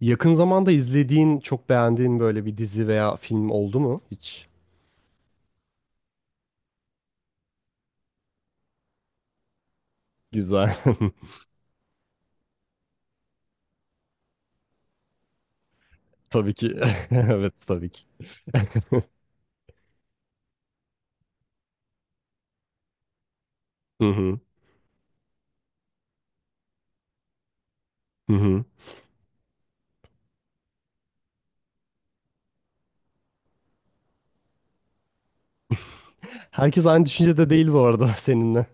Yakın zamanda izlediğin, çok beğendiğin böyle bir dizi veya film oldu mu hiç? Güzel. Tabii ki. Evet, tabii ki. Hı hı. Hı hı. Herkes aynı düşüncede değil bu arada seninle.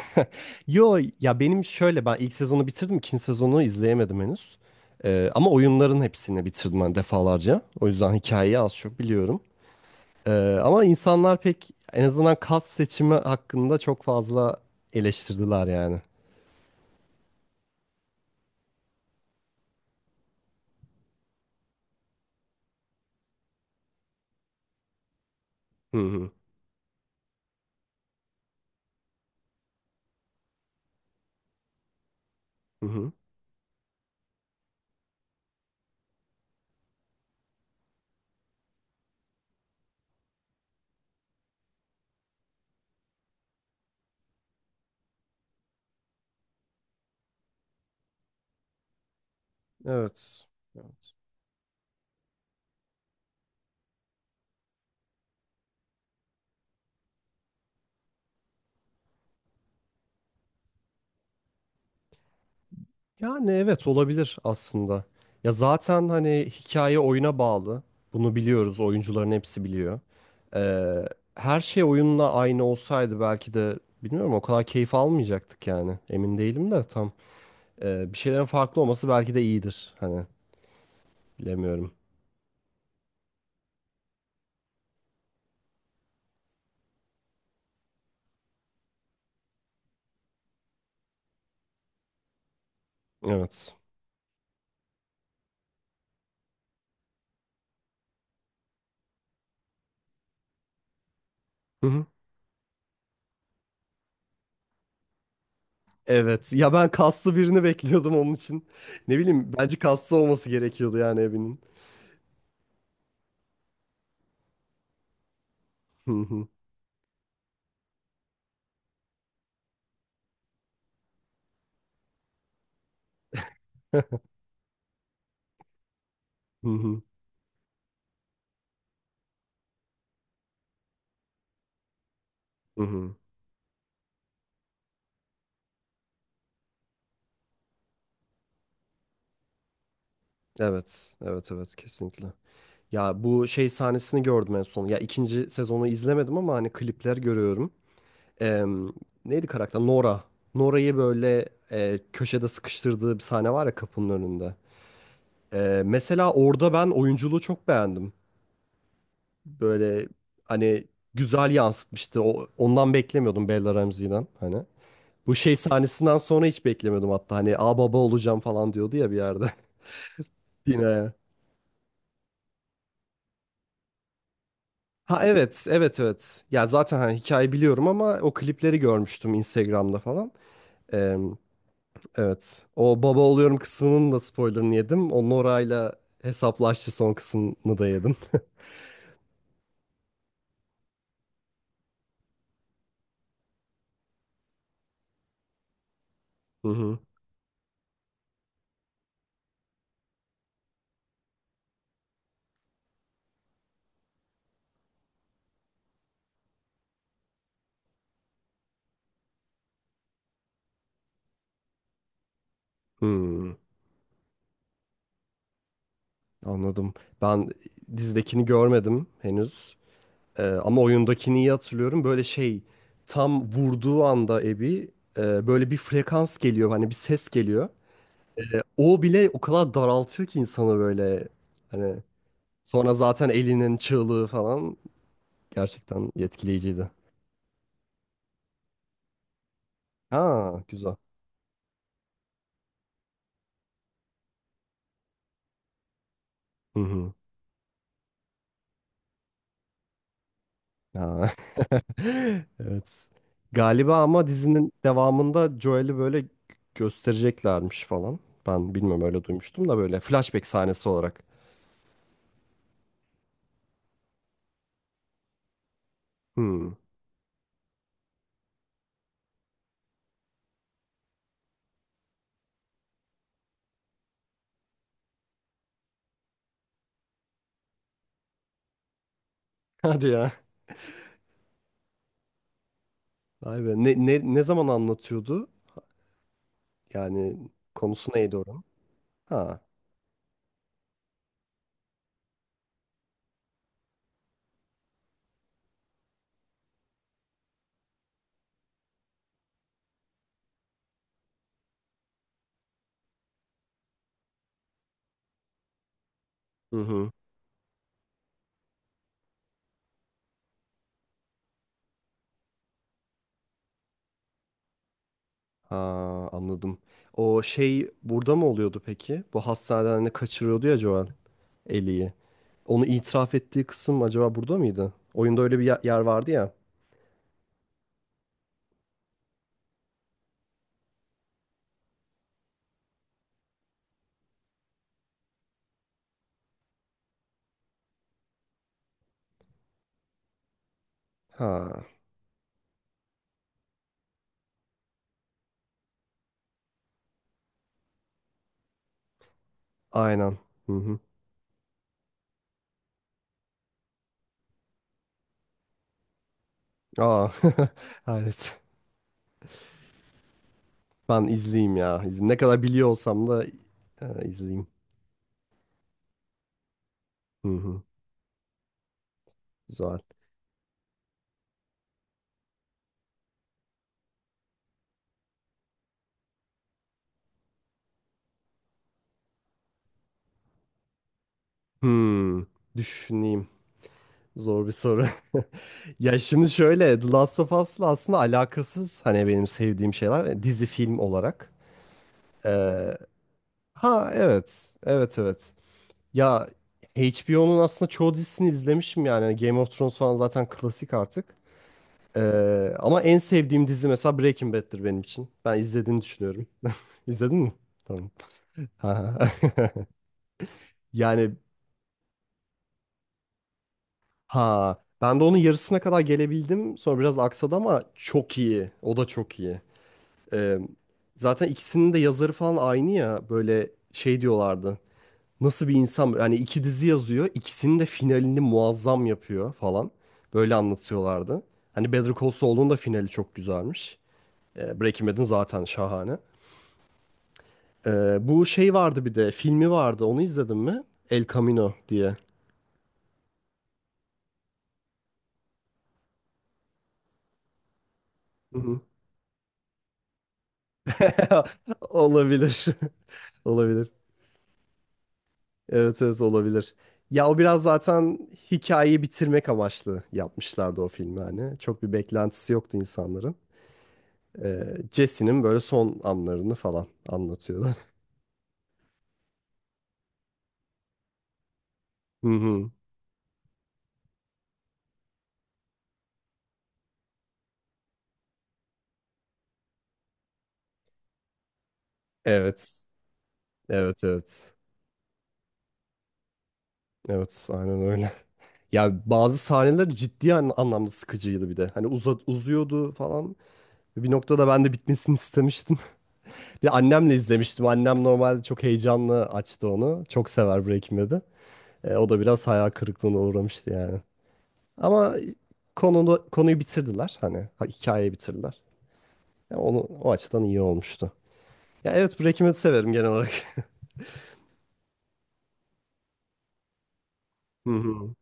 Yo ya ben ilk sezonu bitirdim, ikinci sezonu izleyemedim henüz. Ama oyunların hepsini bitirdim ben defalarca. O yüzden hikayeyi az çok biliyorum. Ee, Ama insanlar pek en azından kas seçimi hakkında çok fazla eleştirdiler yani. Hı hı. Hı hı. Evet. Evet. Yani evet olabilir aslında. Ya zaten hani hikaye oyuna bağlı. Bunu biliyoruz. Oyuncuların hepsi biliyor. Ee, Her şey oyunla aynı olsaydı belki de bilmiyorum, o kadar keyif almayacaktık yani. Emin değilim de tam. Bir şeylerin farklı olması belki de iyidir. Hani, bilemiyorum. Evet. Hı hı. Evet. Ya ben kaslı birini bekliyordum onun için. Ne bileyim, bence kaslı olması gerekiyordu yani evinin. Hı hı. Hı hı. Hı hı. Evet, evet, evet, kesinlikle. Ya bu şey sahnesini gördüm en son. Ya ikinci sezonu izlemedim ama hani klipler görüyorum. Em, Neydi karakter? Nora. Nora'yı böyle köşede sıkıştırdığı bir sahne var ya, kapının önünde. Mesela orada ben oyunculuğu çok beğendim. Böyle, hani, güzel yansıtmıştı. Ondan beklemiyordum, Bella Ramsey'den hani. Bu şey sahnesinden sonra hiç beklemiyordum hatta. Hani baba olacağım falan diyordu ya bir yerde. Yine. Ha evet, evet evet. Ya zaten hani hikayeyi biliyorum ama o klipleri görmüştüm Instagram'da falan. Ee, evet. O baba oluyorum kısmının da spoilerını yedim. O Nora'yla hesaplaştı son kısmını da yedim. Hı hı. Hmm, anladım. Ben dizidekini görmedim henüz. Ama oyundakini iyi hatırlıyorum. Böyle, şey, tam vurduğu anda Abby, böyle bir frekans geliyor. Hani bir ses geliyor. E, O bile o kadar daraltıyor ki insanı böyle. Hani, sonra zaten Ellie'nin çığlığı falan gerçekten etkileyiciydi. Ha, güzel. Hı hı. Ha. Evet. Galiba ama dizinin devamında Joel'i böyle göstereceklermiş falan. Ben bilmiyorum, öyle duymuştum, da böyle flashback sahnesi olarak. Hmm. Hadi ya. Vay be. Ne zaman anlatıyordu? Yani konusu neydi oranın? Ha. Hı hı. Ha, anladım. O şey burada mı oluyordu peki? Bu hastaneden hani kaçırıyordu ya Joel Ellie'yi. Onu itiraf ettiği kısım acaba burada mıydı? Oyunda öyle bir yer vardı ya. Ha, aynen. Hı hı. Aa, hayret. Ben izleyeyim ya. İzleyeyim. Ne kadar biliyor olsam da, izleyeyim. Hı hı. Güzel. Hmm, düşüneyim. Zor bir soru. Ya şimdi şöyle, The Last of Us'la aslında alakasız hani benim sevdiğim şeyler, dizi film olarak. Ee, ha evet, evet evet. Ya HBO'nun aslında çoğu dizisini izlemişim yani. Game of Thrones falan zaten klasik artık. Ama en sevdiğim dizi mesela Breaking Bad'tir benim için. Ben izlediğini düşünüyorum. İzledin mi? Tamam. Ha. Yani ha ben de onun yarısına kadar gelebildim. Sonra biraz aksadı ama çok iyi. O da çok iyi. Ee, Zaten ikisinin de yazarı falan aynı ya. Böyle şey diyorlardı: nasıl bir insan yani, iki dizi yazıyor, ikisinin de finalini muazzam yapıyor falan. Böyle anlatıyorlardı. Hani Better Call Saul'un da finali çok güzelmiş. Breaking Bad'in zaten şahane. Bu şey vardı, bir de filmi vardı. Onu izledin mi? El Camino diye. Hı hı. Olabilir. Olabilir. Evet evet, olabilir. Ya o biraz zaten hikayeyi bitirmek amaçlı yapmışlardı o filmi hani. Çok bir beklentisi yoktu insanların. Jesse'nin böyle son anlarını falan anlatıyordu. Hı hı. Evet. Evet evet. Evet aynen öyle. Ya bazı sahneler ciddi anlamda sıkıcıydı bir de. Hani uzuyordu falan. Bir noktada ben de bitmesini istemiştim. Bir, annemle izlemiştim. Annem normalde çok heyecanlı açtı onu. Çok sever Breaking Bad'i. O da biraz hayal kırıklığına uğramıştı yani. Ama konuyu bitirdiler. Hani hikayeyi bitirdiler. Ya onu o açıdan iyi olmuştu. Ya evet, Breaking Bad'i severim genel olarak. Hı hı.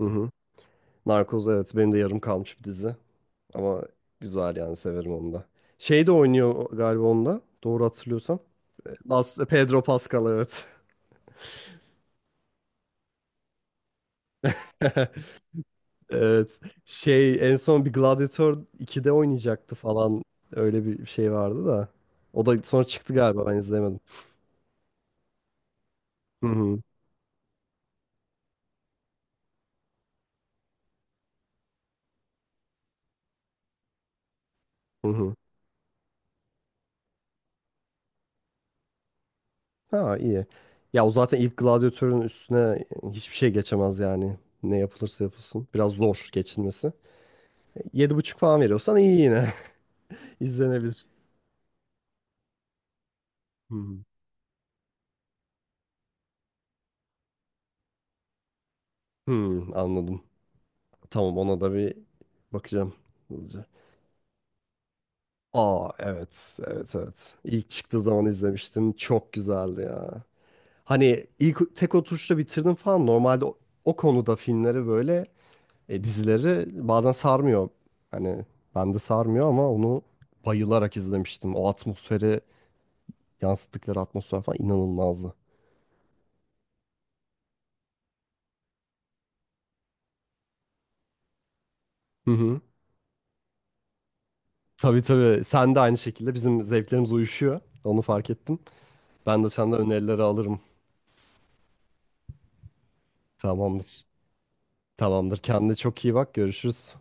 Hı hı. Narkoz evet, benim de yarım kalmış bir dizi. Ama güzel yani, severim onu da. Şey de oynuyor galiba onda, doğru hatırlıyorsam. Pedro Pascal, evet. Evet. Şey, en son bir Gladiator 2'de oynayacaktı falan. Öyle bir şey vardı da. O da sonra çıktı galiba, ben izlemedim. Hı hı. Hı hı. Ha, iyi. Ya o zaten ilk Gladiator'un üstüne hiçbir şey geçemez yani. Ne yapılırsa yapılsın. Biraz zor geçilmesi. 7,5 falan veriyorsan, iyi yine. İzlenebilir. Hmm. Hmm, anladım. Tamam, ona da bir bakacağım. Hızlıca. Aa evet evet evet. İlk çıktığı zaman izlemiştim. Çok güzeldi ya. Hani ilk tek oturuşta bitirdim falan. Normalde o konuda filmleri böyle, dizileri bazen sarmıyor. Hani ben de sarmıyor ama onu bayılarak izlemiştim. O atmosferi, yansıttıkları atmosfer falan, inanılmazdı. Hı hı. Tabii tabii, sen de aynı şekilde. Bizim zevklerimiz uyuşuyor, onu fark ettim. Ben de senden önerileri alırım. Tamamdır. Tamamdır. Kendine çok iyi bak. Görüşürüz.